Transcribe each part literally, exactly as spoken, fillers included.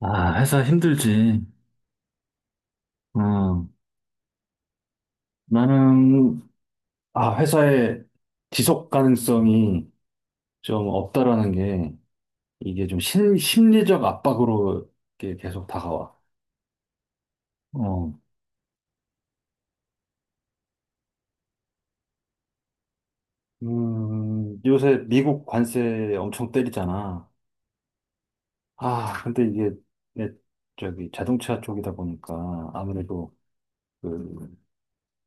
아, 회사 힘들지. 어, 나는, 아, 회사의 지속 가능성이 좀 없다라는 게 이게 좀 심, 심리적 압박으로 이렇게 계속 다가와. 어, 음, 요새 미국 관세 엄청 때리잖아. 아, 근데 이게 내 저기 자동차 쪽이다 보니까 아무래도 그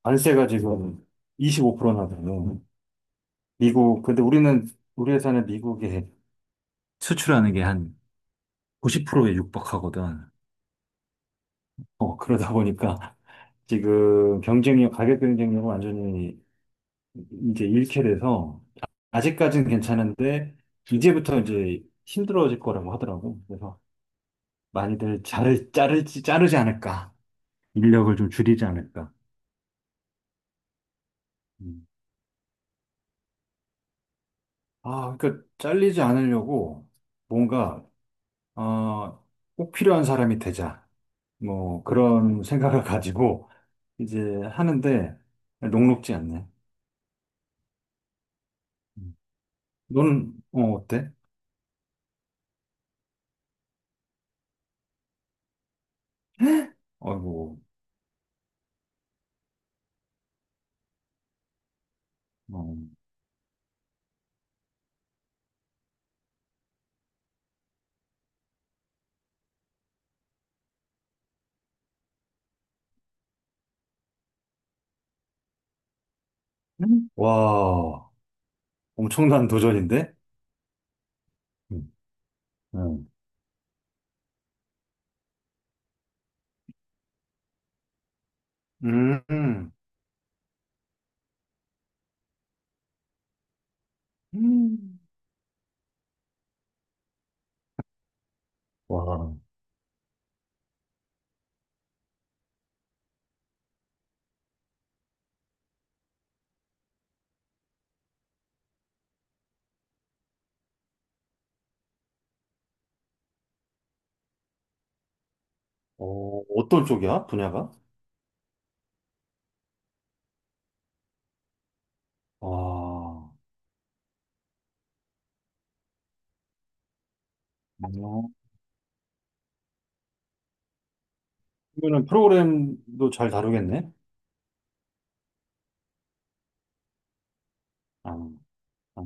관세가 지금 이십오 프로나 돼요. 미국, 근데 우리는, 우리 회사는 미국에 수출하는 게한 구십 프로에 육박하거든. 어, 그러다 보니까 지금 경쟁력, 가격 경쟁력을 완전히 이제 잃게 돼서 아직까지는 괜찮은데 이제부터 이제 힘들어질 거라고 하더라고. 그래서 많이들 자를, 자르지, 자르지 않을까. 인력을 좀 줄이지 않을까. 음. 아, 그러니까 잘리지 않으려고 뭔가, 어, 꼭 필요한 사람이 되자. 뭐 그런 생각을 가지고 이제 하는데 녹록지 않네. 너는, 어, 어때? 아이고, 어. 음. 와, 엄청난 도전인데? 음, 음, 음, 음. 음. 와, 어, 어떤 쪽이야, 분야가? 와, 어, 그러면 프로그램도 잘 다루겠네? 아, 아.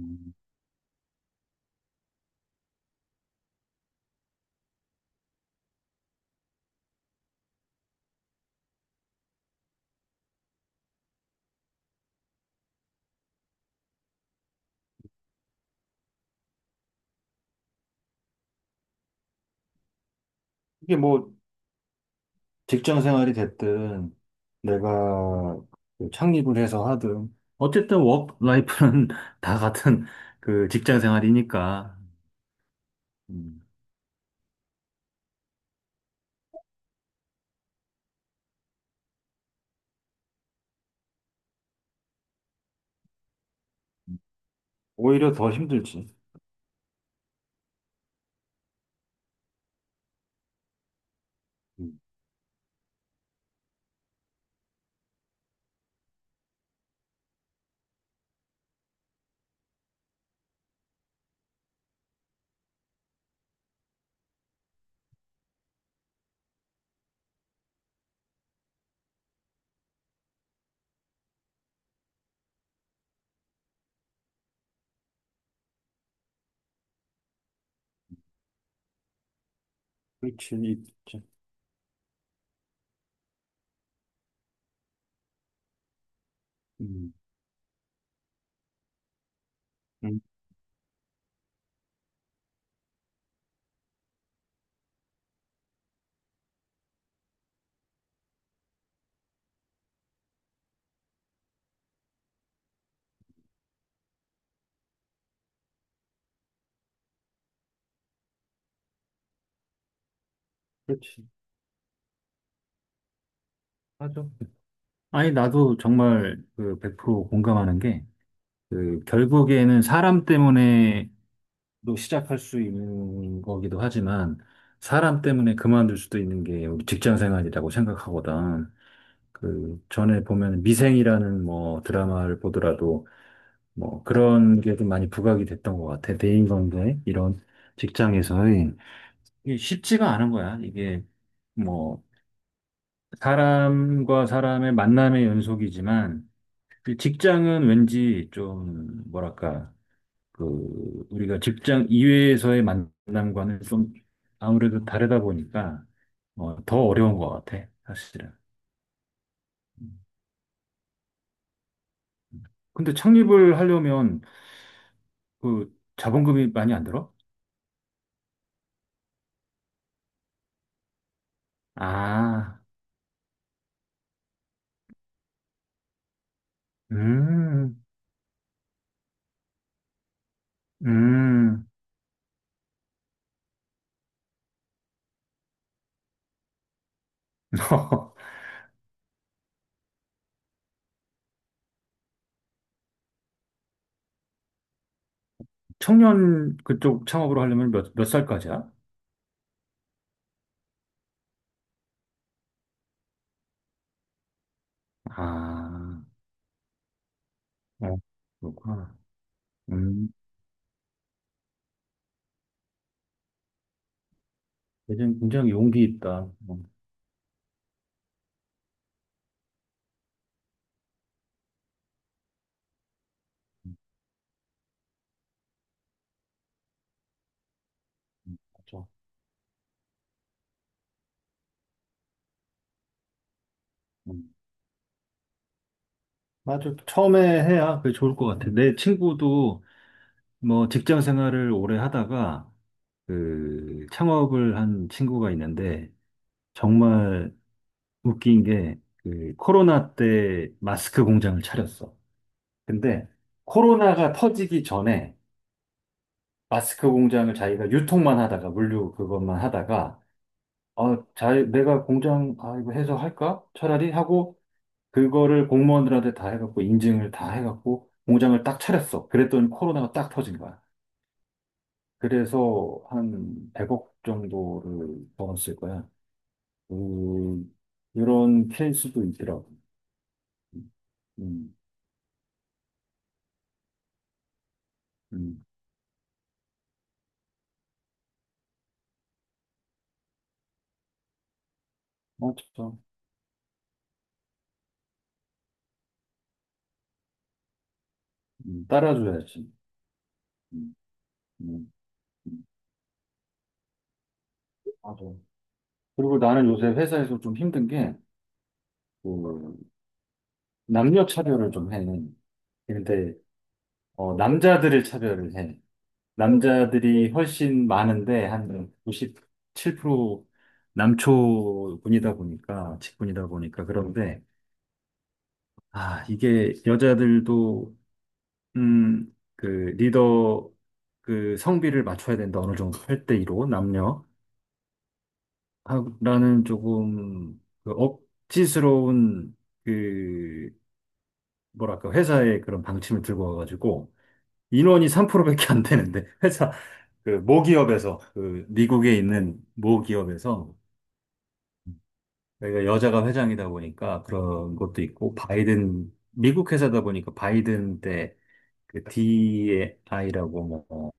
이게 뭐, 직장 생활이 됐든, 내가 그 창립을 해서 하든, 어쨌든 워크라이프는 다 같은 그 직장 생활이니까, 음, 오히려 더 힘들지. 음, 그렇지. 이- 자, 음, 음, 그렇지. 맞아. 아니, 나도 정말 그 백 프로 공감하는 게, 그, 결국에는 사람 때문에도 시작할 수 있는 거기도 하지만, 사람 때문에 그만둘 수도 있는 게 우리 직장 생활이라고 생각하거든. 그, 전에 보면 미생이라는 뭐 드라마를 보더라도, 뭐 그런 게 좀 많이 부각이 됐던 것 같아. 대인관계, 이런 직장에서의. 이게 쉽지가 않은 거야. 이게, 뭐 사람과 사람의 만남의 연속이지만 이 직장은 왠지 좀 뭐랄까 그 우리가 직장 이외에서의 만남과는 좀 아무래도 다르다 보니까 어, 더 어려운 것 같아 사실은. 근데 창립을 하려면 그 자본금이 많이 안 들어? 아, 음, 음. 청년 그쪽 창업으로 하려면 몇, 몇 살까지야? 아, 어, 그렇구나. 음. 예전 굉장히 용기 있다. 음, 음, 음, 맞아. 음. 맞아. 처음에 해야 그게 좋을 것 같아. 내 친구도 뭐 직장 생활을 오래 하다가 그 창업을 한 친구가 있는데 정말 웃긴 게 그 코로나 때 마스크 공장을 차렸어. 근데 코로나가 터지기 전에 마스크 공장을 자기가 유통만 하다가 물류 그것만 하다가 어, 자, 내가 공장 아 이거 해서 할까? 차라리 하고 그거를 공무원들한테 다 해갖고 인증을 다 해갖고 공장을 딱 차렸어. 그랬더니 코로나가 딱 터진 거야. 그래서 한 백억 정도를 벌었을 거야. 그, 이런 케이스도 있더라고. 음, 음, 맞죠. 음, 따라줘야지. 음, 음, 음. 맞아. 그리고 나는 요새 회사에서 좀 힘든 게, 그, 남녀 차별을 좀 해. 근데, 어, 남자들을 차별을 해. 남자들이 훨씬 많은데 한 구십칠 프로 남초군이다 보니까 직군이다 보니까 그런데 아 이게 여자들도 음 그 리더 그 성비를 맞춰야 된다 어느 정도 팔 대 이로 남녀 하라는 조금 그 억지스러운 그 뭐랄까 회사의 그런 방침을 들고 와가지고 인원이 삼 프로밖에 안 되는데 회사 그 모기업에서 그 미국에 있는 모기업에서 내가 여자가 회장이다 보니까 그런 것도 있고, 바이든, 미국 회사다 보니까 바이든 때 그 디이아이라고 뭐,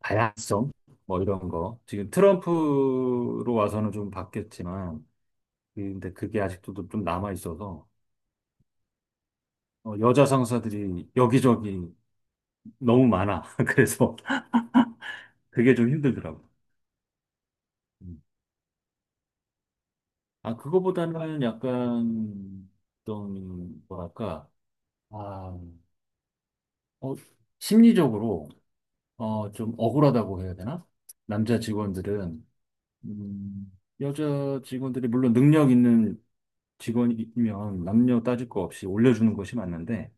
다양성? 뭐 이런 거. 지금 트럼프로 와서는 좀 바뀌었지만, 근데 그게 아직도 좀 남아있어서, 어, 여자 상사들이 여기저기 너무 많아. 그래서 그게 좀 힘들더라고. 음. 아, 그거보다는 약간 좀, 뭐랄까, 아, 어, 심리적으로, 어, 좀 억울하다고 해야 되나? 남자 직원들은, 음, 여자 직원들이 물론 능력 있는 직원이면 남녀 따질 거 없이 올려주는 것이 맞는데,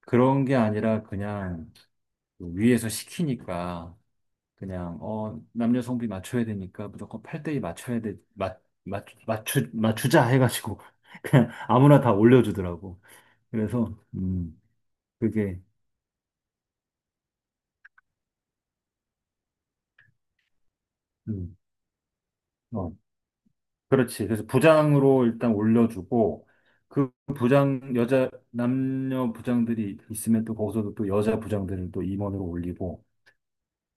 그런 게 아니라 그냥 위에서 시키니까, 그냥, 어, 남녀 성비 맞춰야 되니까 무조건 팔 대이 맞춰야 돼, 맞, 맞, 맞추, 맞추자 해가지고, 그냥 아무나 다 올려주더라고. 그래서, 음, 그게, 음, 어, 그렇지. 그래서 부장으로 일단 올려주고, 그 부장, 여자, 남녀 부장들이 있으면 또 거기서도 또 여자 부장들을 또 임원으로 올리고,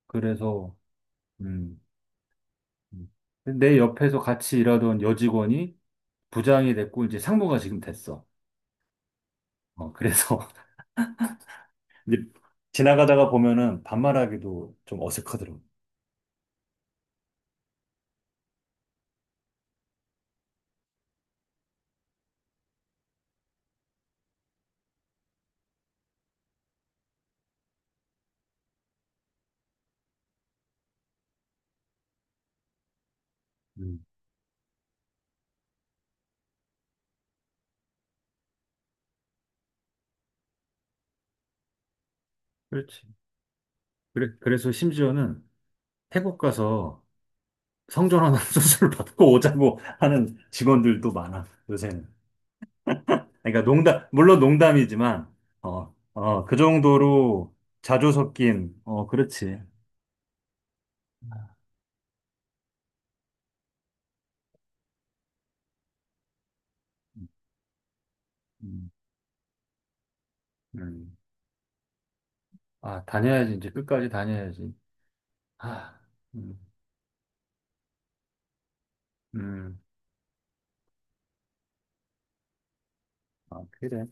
그래서, 음, 음. 내 옆에서 같이 일하던 여직원이 부장이 됐고, 이제 상무가 지금 됐어. 어, 그래서 이제 지나가다가 보면은 반말하기도 좀 어색하더라고. 음, 그렇지. 그래, 그래서 심지어는 태국 가서 성전환 수술 받고 오자고 하는 직원들도 많아, 요새는. 그러니까 농담, 물론 농담이지만, 어, 어, 그 정도로 자주 섞인, 어, 그렇지. 음, 음, 아, 다녀야지. 이제 끝까지 다녀야지. 아, 음, 음. 아, 그래.